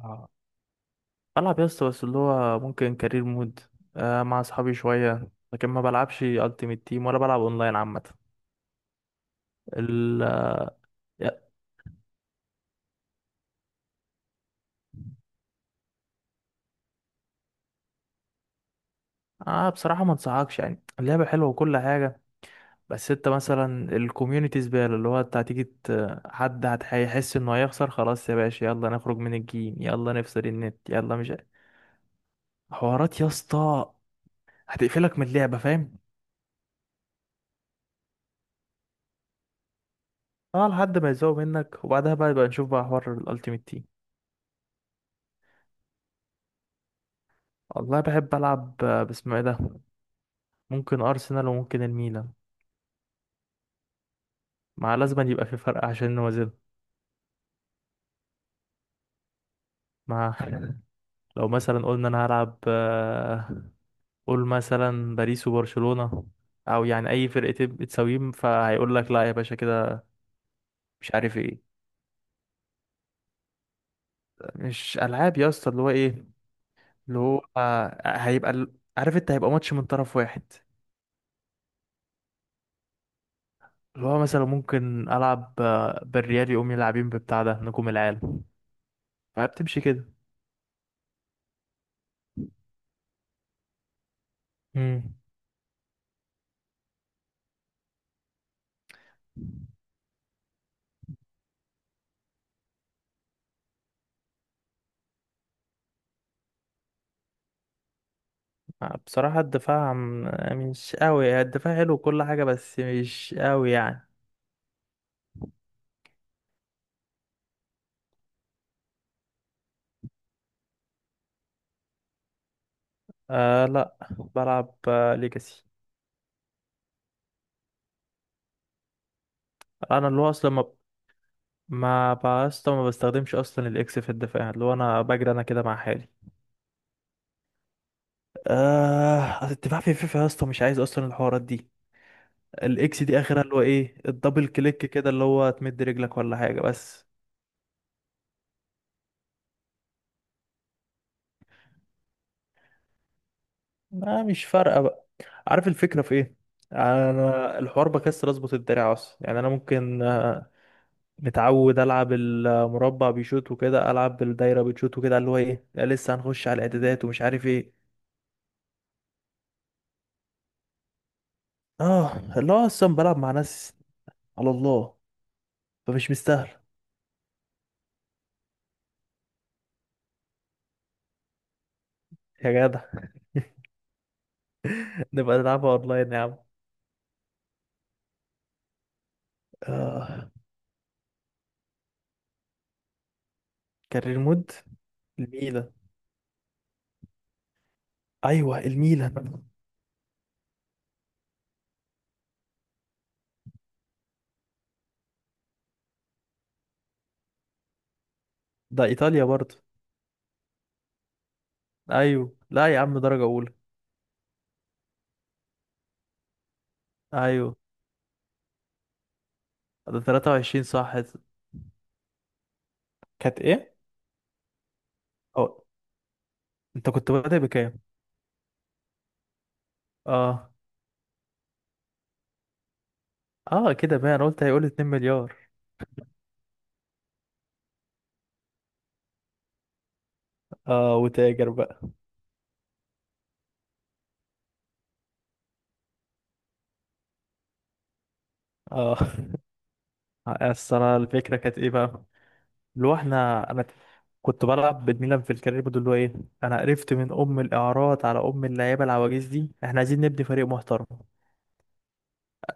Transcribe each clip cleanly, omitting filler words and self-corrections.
آه. بلعب يا اسطى، بس اللي هو ممكن كارير مود، آه، مع اصحابي شويه، لكن ما بلعبش التيمت تيم ولا بلعب اونلاين عامه. ال يا- آه، بصراحه ما انصحكش، يعني اللعبه حلوه وكل حاجه، بس انت مثلا الكوميونتي زباله، اللي هو انت هتيجي هيحس انه هيخسر، خلاص يا باشا يلا نخرج من الجيم، يلا نفصل النت، يلا مش عارف. حوارات يا اسطى هتقفلك من اللعبه، فاهم؟ اه، لحد ما يزوق منك وبعدها بقى يبقى نشوف بقى حوار الالتيمت تيم. والله بحب العب، آه، باسمه ايه ده، ممكن ارسنال وممكن الميلان، مع لازم أن يبقى في فرق عشان نوازن مع لو مثلا قلنا انا هلعب، آه، قول مثلا باريس وبرشلونة، او يعني اي فرقتين بتساويهم، فهيقول لك لا يا باشا كده، مش عارف ايه. مش العاب يا اسطى، اللي هو ايه، اللي هو، آه، هيبقى عارف انت، هيبقى ماتش من طرف واحد. اللي هو مثلا ممكن العب، آه، بالريال، يقوم يلعبين ببتاع ده نجوم العالم، فبتمشي كده. بصراحة مش قوي، الدفاع حلو كل حاجة بس مش قوي يعني. آه لا بلعب، آه، ليجاسي. انا اللي هو اصلا ما بسطا ما بستخدمش اصلا الاكس في الدفاع، اللي هو انا بجري انا كده مع حالي. آه، أصل الدفاع في فيفا يا اسطى مش عايز اصلا الحوارات دي، الاكس دي اخرها اللي هو ايه الدبل كليك كده، اللي هو تمد رجلك ولا حاجة بس. ما مش فارقة بقى، عارف الفكرة في ايه؟ انا الحوار بكسر اظبط الدراع اصلا، يعني انا ممكن، آه، متعود العب المربع بيشوط وكده، العب بالدايره بتشوط وكده، اللي هو ايه لا لسه هنخش على الاعدادات ومش عارف ايه. اه، اللي هو اصلا بلعب مع ناس، على الله، فمش مستاهل. يا جدع نبقى نلعبها اونلاين يا عم. اه. كارير مود. الميلان. ايوه الميلان. ده ايطاليا برضه. ايوه لا يا عم درجه اولى. ايوه. ده 23 صح؟ كانت ايه؟ اه. انت كنت بادئ بكام؟ اه. اه كده بقى، انا قلت هيقول 2 مليار. اه وتاجر بقى. اه اصل انا الفكره كانت ايه بقى، اللي هو احنا انا كنت بلعب بالميلان في الكارير بود، اللي هو ايه، انا قرفت من ام الاعارات على ام اللعيبه العواجيز دي، احنا عايزين نبني فريق محترم.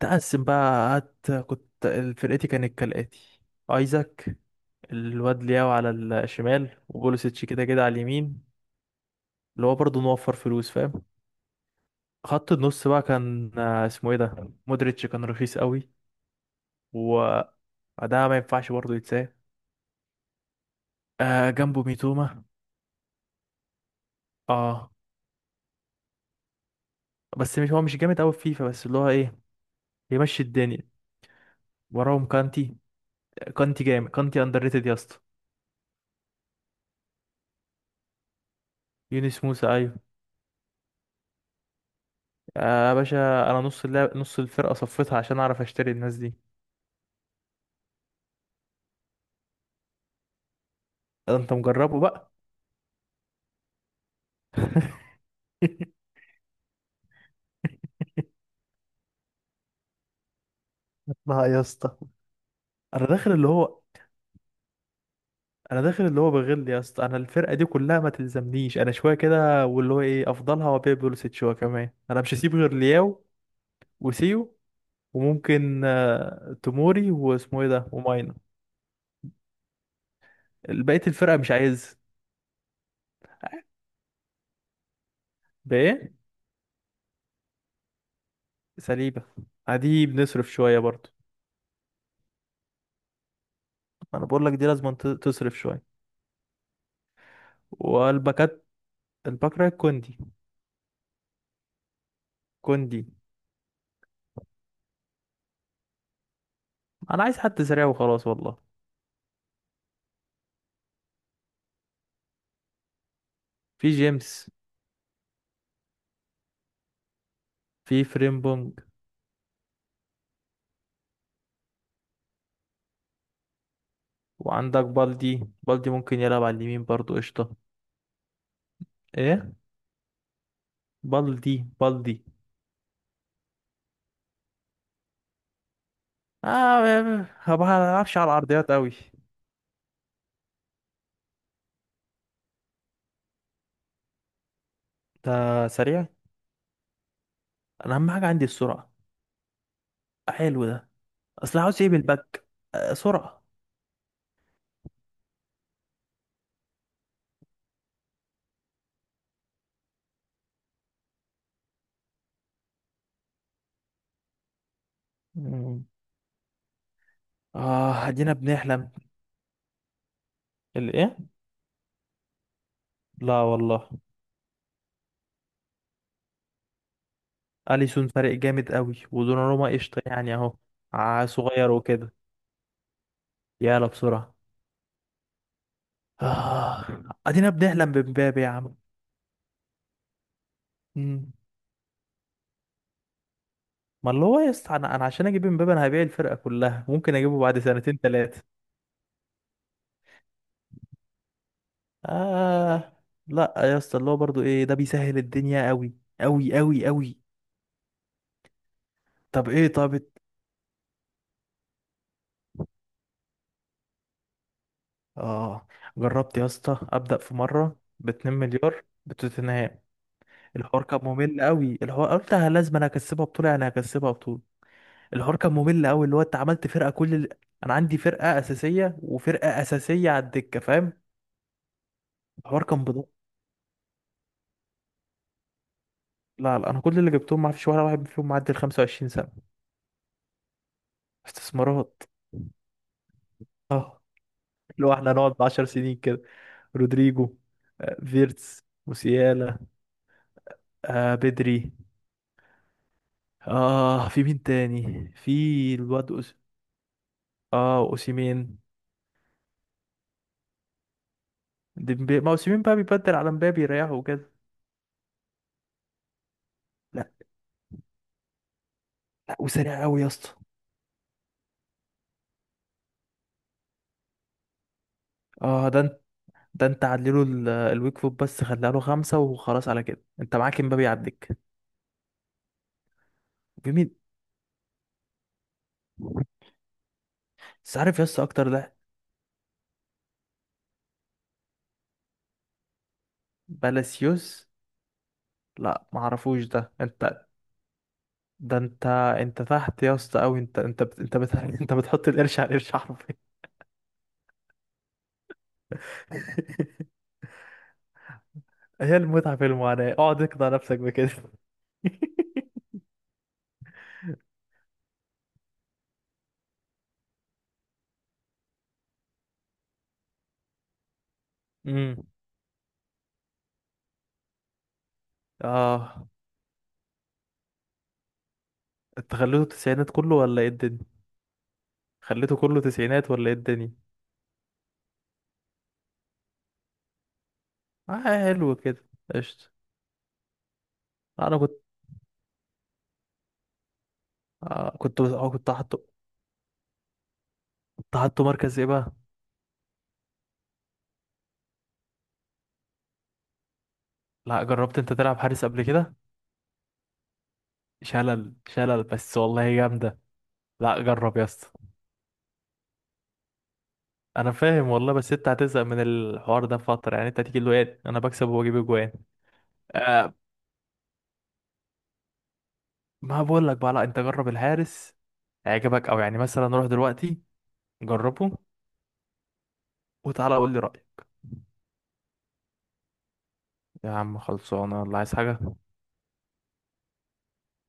تقسم بقى قعدت كنت، فرقتي كانت كالاتي: ايزاك، الواد لياو على الشمال، وبوليسيتش كده كده على اليمين، اللي هو برضه نوفر فلوس، فاهم. خط النص بقى كان، آه، اسمه ايه ده، مودريتش، كان رخيص قوي. وده ما ينفعش برضه يتساه، آه، جنبه ميتوما. اه، بس مش هو مش جامد قوي في فيفا، بس اللي هو ايه يمشي الدنيا. وراهم كانتي، كانتي جامد، كانتي اندر ريتد يا اسطى. يونس موسى، ايوه. يا باشا انا نص اللعب نص الفرقه صفيتها عشان اعرف اشتري الناس دي. ده انت مجربه بقى. ما يا اسطى، انا داخل اللي هو، انا داخل اللي هو بغل يا اسطى، انا الفرقه دي كلها ما تلزمنيش، انا شويه كده واللي هو ايه افضلها، وابيع بوليسيتش شويه كمان، انا مش هسيب غير لياو وسيو، وممكن، آه، توموري واسمه ايه ده وماينا. بقيه الفرقه مش عايز. بايه؟ سليبة، عادي بنصرف شوية برضو. أنا بقول لك دي لازم تصرف شوية. والباكات، الباك رايت كوندي. كوندي. أنا عايز حد سريع وخلاص والله. في جيمس. في فريمبونج. وعندك بالدي، بالدي ممكن يلعب على اليمين برضو، قشطة. إيه؟ بالدي بالدي. آه، ما بعرفش على العرضيات أوي. ده سريع. أنا أهم حاجة عندي السرعة. حلو ده. أصل عاوز إيه بالباك، آه، سرعة. مم. آه أدينا بنحلم. الإيه؟ لا والله. اليسون فارق جامد قوي، ودوناروما قشطه يعني اهو. صغير وكده. يلا بسرعه. آه. ادينا بنحلم بمبابي يا عم. مم. ما اللي هو يا اسطى، انا عشان اجيب مبابي انا هبيع الفرقه كلها، ممكن اجيبه بعد سنتين ثلاثه. آه. لا يا اسطى اللي هو برضو ايه ده بيسهل الدنيا قوي، قوي قوي قوي. طب ايه طب اه جربت يا اسطى ابدا في مره ب 2 مليار بتوتنهام. الحوار كان ممل قوي، الحوار قلت أنا لازم، انا هكسبها بطوله يعني هكسبها بطوله. الحوار كان ممل قوي، اللي هو انت عملت فرقه انا عندي فرقه اساسيه وفرقه اساسيه على الدكه، فاهم. الحوار كان بضغط. لا لا، انا كل اللي جبتهم ما فيش ولا واحد فيهم معدي ال 25 سنه. استثمارات. اه. لو احنا هنقعد 10 سنين كده. رودريجو. آه، فيرتس. موسيالا. آه بدري. اه في مين تاني، في الواد أوس... اه اوسيمين. ديمبي، ما اوسيمين بقى بيبدل على مبابي يريحه وكده. لا. لا وسريع قوي يا اسطى. اه ده، ده انت عدله الويك فوت بس، خليها له خمسة وخلاص، على كده انت معاك امبابي يعديك. في مين؟ بس عارف يس اكتر ده. بالاسيوس. لا ما اعرفوش ده. انت، ده انت، انت تحت يا اسطى قوي، انت بتحط القرش على القرش حرفيا. هي المتعة في المعاناة، اقعد اقنع نفسك بكده. امم. اه. انت خليته تسعينات كله ولا ايه الدنيا؟ خليته كله تسعينات ولا ايه الدنيا؟ آه حلو كده، قشطة. انا كنت، آه كنت، آه، كنت هحطه. حطه مركز ايه بقى؟ لا جربت انت تلعب حارس قبل كده؟ شلل شلل بس والله جامده. لا جرب يا اسطى. انا فاهم والله، بس انت هتزهق من الحوار ده فتره، يعني انت هتيجي له ايه انا بكسب واجيب اجوان. آه. ما بقول لك بقى، لا انت جرب الحارس، هيعجبك، او يعني مثلا روح دلوقتي جربه وتعالى قول لي رايك. يا عم خلصانه ولا عايز حاجه؟